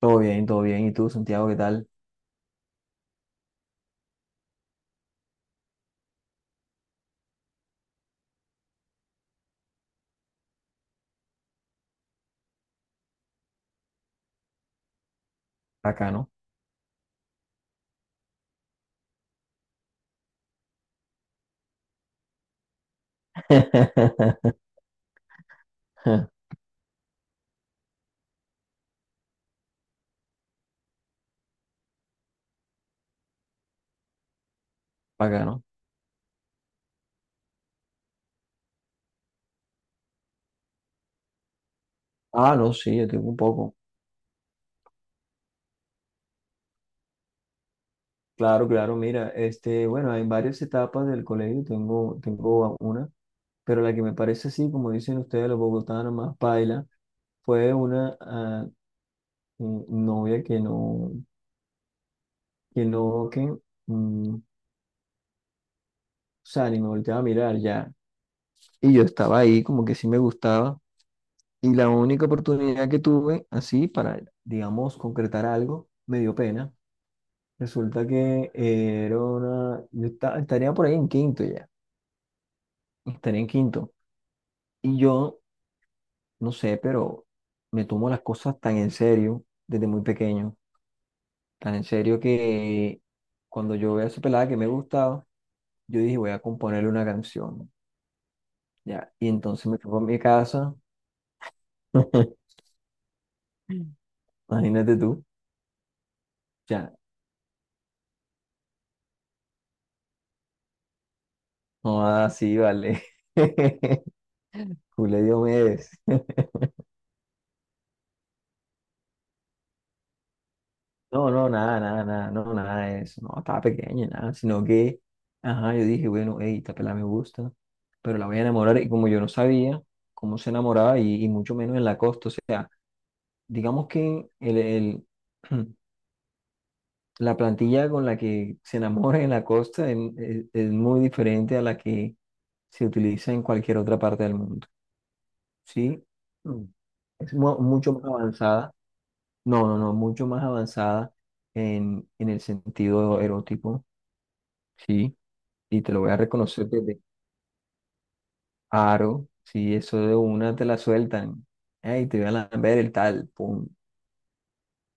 Todo bien, todo bien. ¿Y tú, Santiago, qué tal? Bacano. Bacano. Ah, no, sí, yo tengo un poco. Claro, claro, mira, este, bueno, hay varias etapas del colegio, tengo una, pero la que me parece así, como dicen ustedes los bogotanos, más paila, fue una novia que no, que no, que, o sea, ni me volteaba a mirar ya. Y yo estaba ahí, como que sí me gustaba, y la única oportunidad que tuve, así, para, digamos, concretar algo, me dio pena. Resulta que yo estaría por ahí en quinto ya. Estaría en quinto. Y yo, no sé, pero me tomo las cosas tan en serio, desde muy pequeño, tan en serio que cuando yo veía a esa pelada que me gustaba, yo dije, voy a componerle una canción. Ya. Y entonces me fui a mi casa. Imagínate tú. Ya. No, así, vale. Julio Diomedes. No, no, nada, nada, nada, no, nada de eso, no, estaba pequeña, nada, sino que, ajá, yo dije, bueno, hey, esta pelada me gusta, pero la voy a enamorar, y como yo no sabía cómo se enamoraba, y mucho menos en la costa, o sea, digamos que la plantilla con la que se enamora en la costa es muy diferente a la que se utiliza en cualquier otra parte del mundo, ¿sí? Mm. Es mucho más avanzada, no, no, no, mucho más avanzada en el sentido erótico, ¿sí? Y te lo voy a reconocer desde aro. Si eso de una te la sueltan. Ay, te voy a ver el tal. Pum.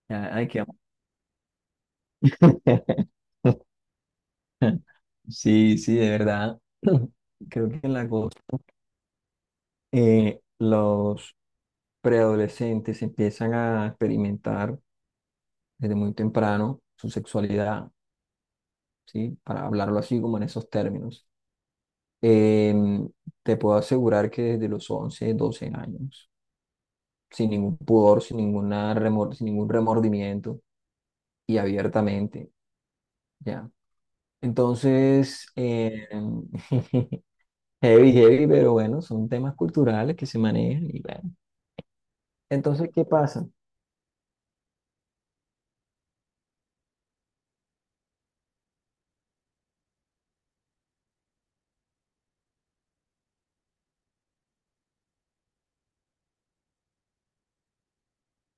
Ay, qué amor. Sí, sí, de verdad. Creo que en la cosa, los preadolescentes empiezan a experimentar desde muy temprano su sexualidad, ¿sí? Para hablarlo así como en esos términos. Em, Te puedo asegurar que desde los 11 12 años, sin ningún pudor, sin ningún remordimiento, y abiertamente, ¿ya? Entonces, heavy, heavy, pero bueno, son temas culturales que se manejan y bueno. Entonces, ¿qué pasa?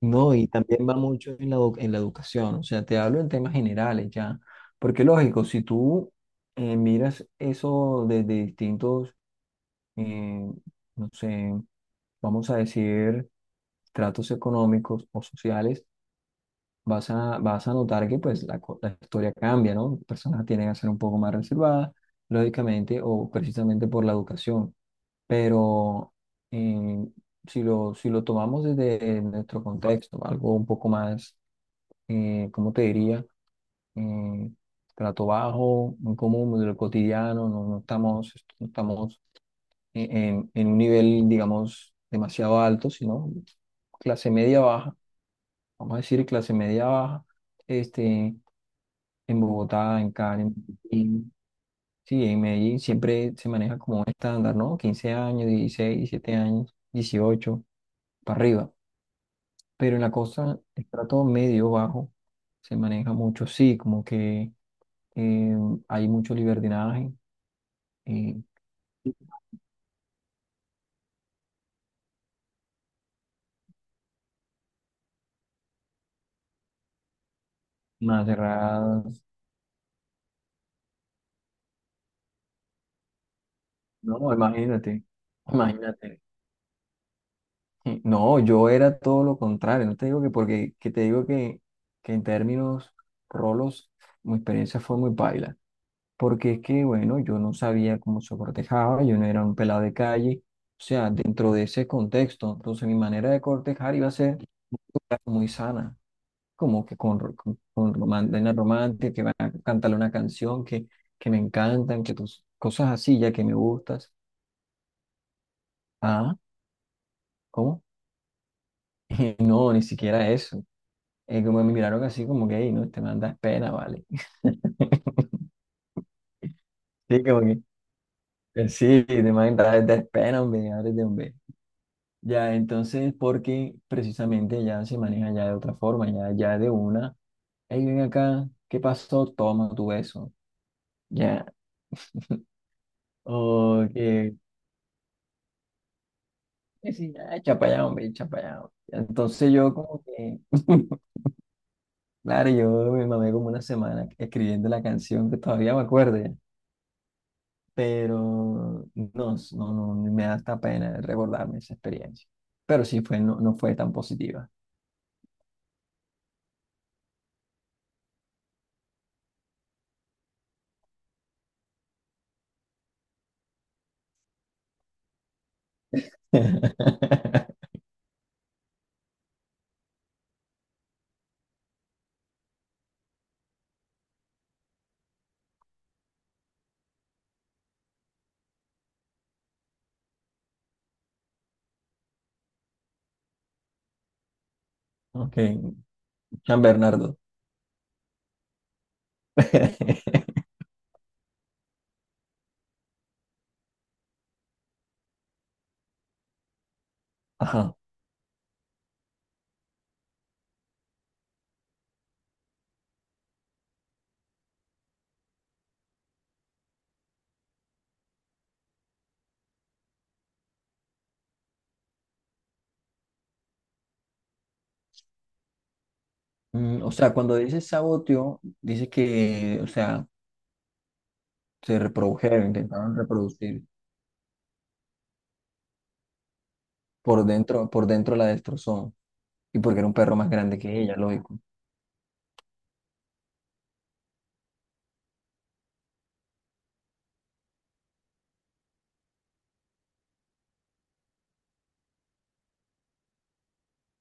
No, y también va mucho en la, en la educación, o sea, te hablo en temas generales ya, porque lógico, si tú miras eso desde distintos, eh, no sé, vamos a decir, tratos económicos o sociales, vas a notar que pues la, la historia cambia, ¿no? Personas tienen a ser un poco más reservadas, lógicamente, o precisamente por la educación. Pero eh, si lo tomamos desde nuestro contexto, algo un poco más, ¿cómo te diría? Eh, Trato bajo, muy común, de lo cotidiano, no, no estamos en un nivel, digamos, demasiado alto, sino clase media baja, vamos a decir clase media baja, este, en Bogotá, en Cali, en Medellín. Sí, en Medellín siempre se maneja como un estándar, ¿no? Quince años, 16 17 años, 18 para arriba. Pero en la costa, el trato medio bajo se maneja mucho, sí, como que eh, hay mucho libertinaje, eh, más cerradas. No, imagínate, imagínate. No, yo era todo lo contrario, no te digo que porque, que te digo que en términos rolos, mi experiencia fue muy paila. Porque es que, bueno, yo no sabía cómo se cortejaba, yo no era un pelado de calle, o sea, dentro de ese contexto, entonces mi manera de cortejar iba a ser muy sana, como que con romántica, romántica, que van a cantarle una canción que me encantan, que tus cosas así, ya que me gustas. Ah, ¿cómo? No, ni siquiera eso. Como me miraron así como que, "Ey, no, te mandas pena, ¿vale? Sí, como que, sí, das pena, hombre, ábrete, hombre. Ya, entonces, porque precisamente ya se maneja ya de otra forma, ya, ya de una, hey, ven acá, ¿qué pasó? Toma tu beso, ya, o que sí, ya, echa pa' allá, hombre, echa pa' allá, hombre. Entonces yo como que, claro, yo me mamé como una semana escribiendo la canción que todavía me acuerdo ya, pero no, no, no, me da hasta pena recordarme esa experiencia, pero sí fue, no, no fue tan positiva. Ok, San Bernardo. Ajá. O sea, cuando dices saboteo dices que, o sea, se reprodujeron, intentaron reproducir por dentro la destrozó. Y porque era un perro más grande que ella, lógico.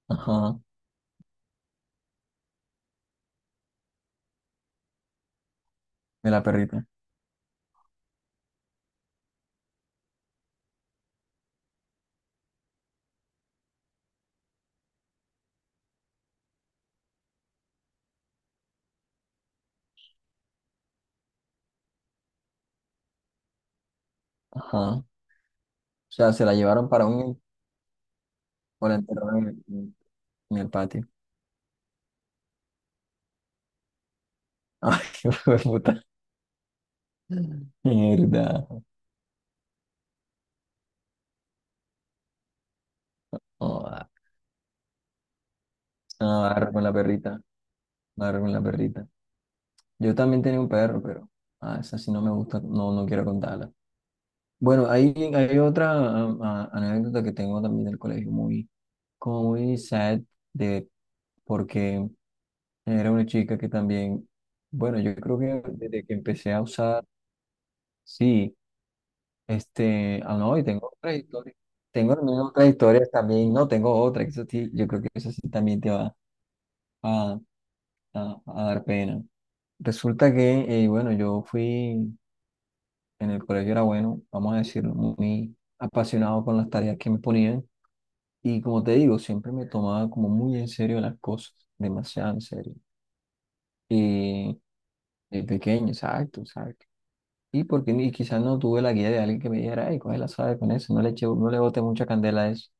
Ajá, de la perrita. Ajá. O sea, se la llevaron para un, o la enterraron en el, en el patio. Ay, qué hijo de puta. Mierda. Oh, no, agarra con la perrita. Agarra con la perrita. Yo también tenía un perro, pero esa sí no me gusta. No, no quiero contarla. Bueno, hay otra anécdota que tengo también del colegio, como muy sad, de, porque era una chica que también, bueno, yo creo que desde que empecé a usar, sí, este, no, y tengo otras historias, tengo también otras historias también, no, tengo otra, que eso sí, yo creo que eso sí también te va a, a dar pena. Resulta que, bueno, en el colegio era bueno, vamos a decirlo, muy apasionado con las tareas que me ponían. Y como te digo, siempre me tomaba como muy en serio las cosas, demasiado en serio. Y de pequeño, exacto, exacto. Y porque quizás no tuve la guía de alguien que me dijera, ay, coge la sabe con eso, no le eche, no le bote mucha candela a eso.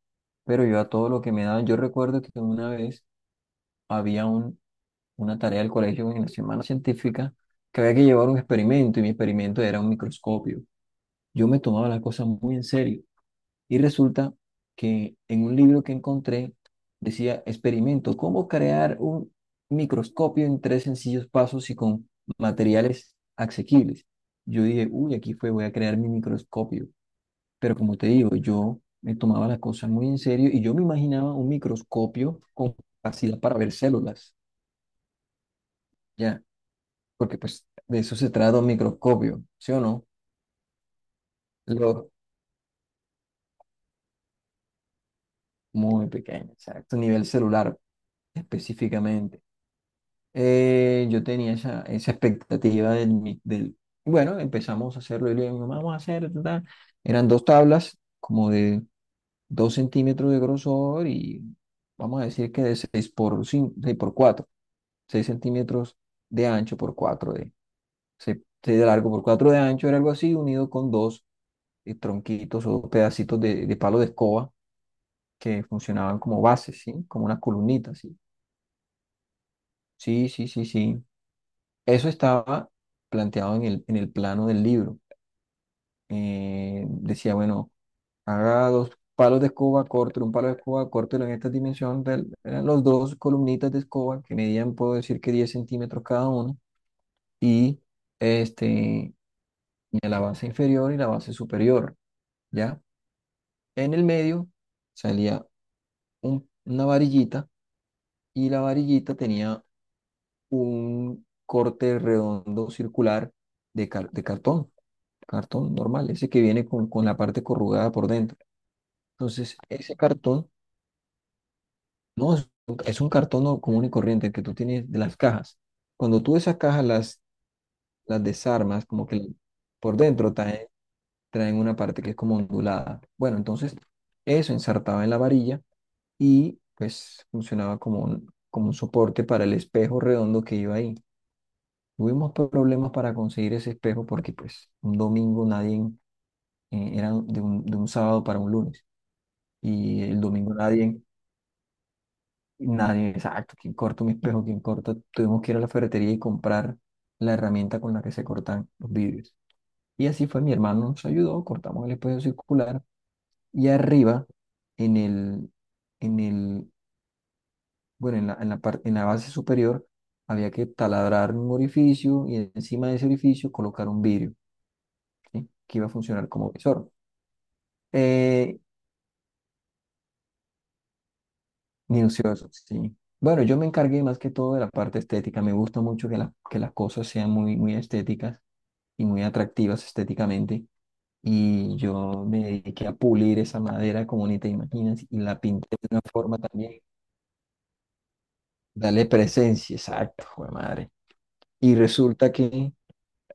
Pero yo a todo lo que me daban, yo recuerdo que una vez había una tarea del colegio en la semana científica que había que llevar un experimento y mi experimento era un microscopio. Yo me tomaba las cosas muy en serio. Y resulta que en un libro que encontré decía, experimento, cómo crear un microscopio en tres sencillos pasos y con materiales asequibles. Yo dije, uy, aquí fue, voy a crear mi microscopio. Pero como te digo, yo me tomaba las cosas muy en serio y yo me imaginaba un microscopio con capacidad para ver células, ya, porque pues de eso se trata un microscopio, ¿sí o no? Lo muy pequeño, exacto, nivel celular específicamente. Yo tenía esa expectativa del, del... Bueno, empezamos a hacerlo y le digo, vamos a hacer... ta, ta". Eran dos tablas como de dos centímetros de grosor y vamos a decir que de 6 por 5 6 por 4 6 centímetros de ancho por 4 de, 6 de largo por 4 de ancho, era algo así, unido con dos tronquitos o pedacitos de palo de escoba que funcionaban como bases, ¿sí? Como unas columnitas, ¿sí? Sí, sí, sí, sí. Eso estaba planteado en el plano del libro. Decía, bueno, haga dos palos de escoba, córtelo, un palo de escoba, córtelo en esta dimensión. Eran los dos columnitas de escoba que medían, puedo decir que 10 centímetros cada uno, y este, y la base inferior y la base superior, ¿ya? En el medio salía una varillita y la varillita tenía un corte redondo circular de, de cartón. Cartón normal, ese que viene con la parte corrugada por dentro. Entonces, ese cartón no es, un es un cartón común y corriente, el que tú tienes de las cajas. Cuando tú esas cajas las desarmas, como que por dentro traen, traen una parte que es como ondulada. Bueno, entonces eso ensartaba en la varilla y pues funcionaba como un soporte para el espejo redondo que iba ahí. Tuvimos problemas para conseguir ese espejo porque pues un domingo nadie, era de un sábado para un lunes. Y el domingo nadie, nadie, exacto, ¿quién corta un espejo? ¿Quién corta? Tuvimos que ir a la ferretería y comprar la herramienta con la que se cortan los vidrios. Y así fue, mi hermano nos ayudó, cortamos el espejo circular y arriba, en el, en el, en la en la base superior, había que taladrar un orificio y encima de ese orificio colocar un vidrio, ¿sí? Que iba a funcionar como visor. Eh, Ni Minucioso, sí. Bueno, yo me encargué más que todo de la parte estética. Me gusta mucho que, que las cosas sean muy, muy estéticas y muy atractivas estéticamente. Y yo me dediqué a pulir esa madera como ni te imaginas y la pinté de una forma también, dale presencia, exacto, jue madre. Y resulta que,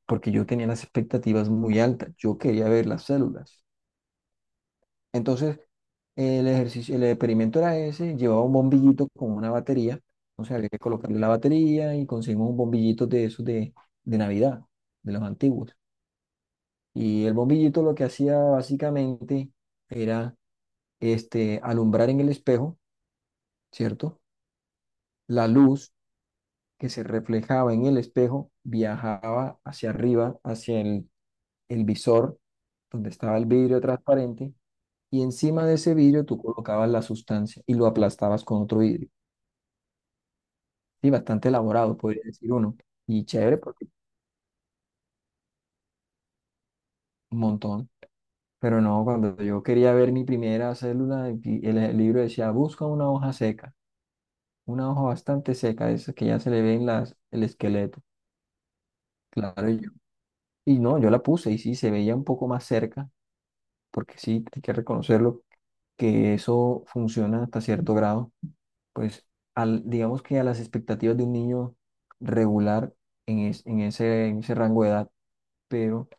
porque yo tenía las expectativas muy altas, yo quería ver las células. Entonces, el ejercicio, el experimento era ese, llevaba un bombillito con una batería, entonces había que colocarle la batería y conseguimos un bombillito de esos de Navidad, de los antiguos. Y el bombillito lo que hacía básicamente era este, alumbrar en el espejo, ¿cierto? La luz que se reflejaba en el espejo viajaba hacia arriba, hacia el visor, donde estaba el vidrio transparente, y encima de ese vidrio tú colocabas la sustancia y lo aplastabas con otro vidrio. Sí, bastante elaborado, podría decir uno. Y chévere, porque un montón. Pero no, cuando yo quería ver mi primera célula, y el libro decía, busca una hoja seca, una hoja bastante seca, de esas que ya se le ven las, el esqueleto. Claro, y no, yo la puse y sí, se veía un poco más cerca, porque sí, hay que reconocerlo, que eso funciona hasta cierto grado. Pues al, digamos que a las expectativas de un niño regular en ese rango de edad, pero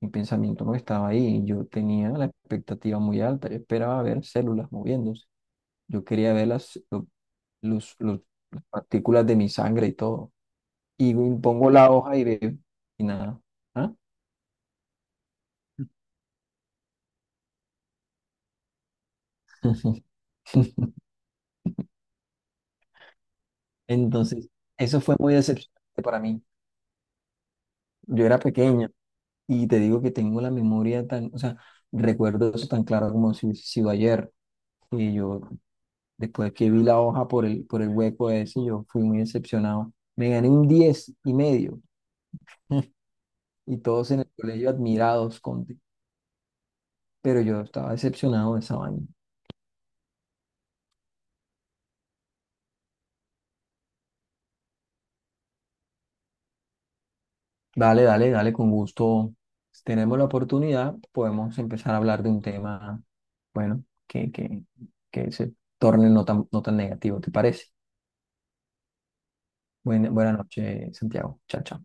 mi pensamiento no estaba ahí. Yo tenía la expectativa muy alta. Yo esperaba ver células moviéndose. Yo quería ver las, lo- los- las partículas de mi sangre y todo. Y pongo la hoja y veo y nada. ¿Ah? Entonces, eso fue muy decepcionante para mí. Yo era pequeña y te digo que tengo la memoria tan, o sea, recuerdo eso tan claro como si hubiese sido ayer. Y yo, después que vi la hoja por el hueco ese, yo fui muy decepcionado. Me gané un 10 y medio. Y todos en el colegio admirados contigo. Pero yo estaba decepcionado de esa vaina. Dale, dale, dale, con gusto. Si tenemos la oportunidad, podemos empezar a hablar de un tema, bueno, que se torne no tan, no tan negativo, ¿te parece? Buena noche, Santiago. Chao, chao.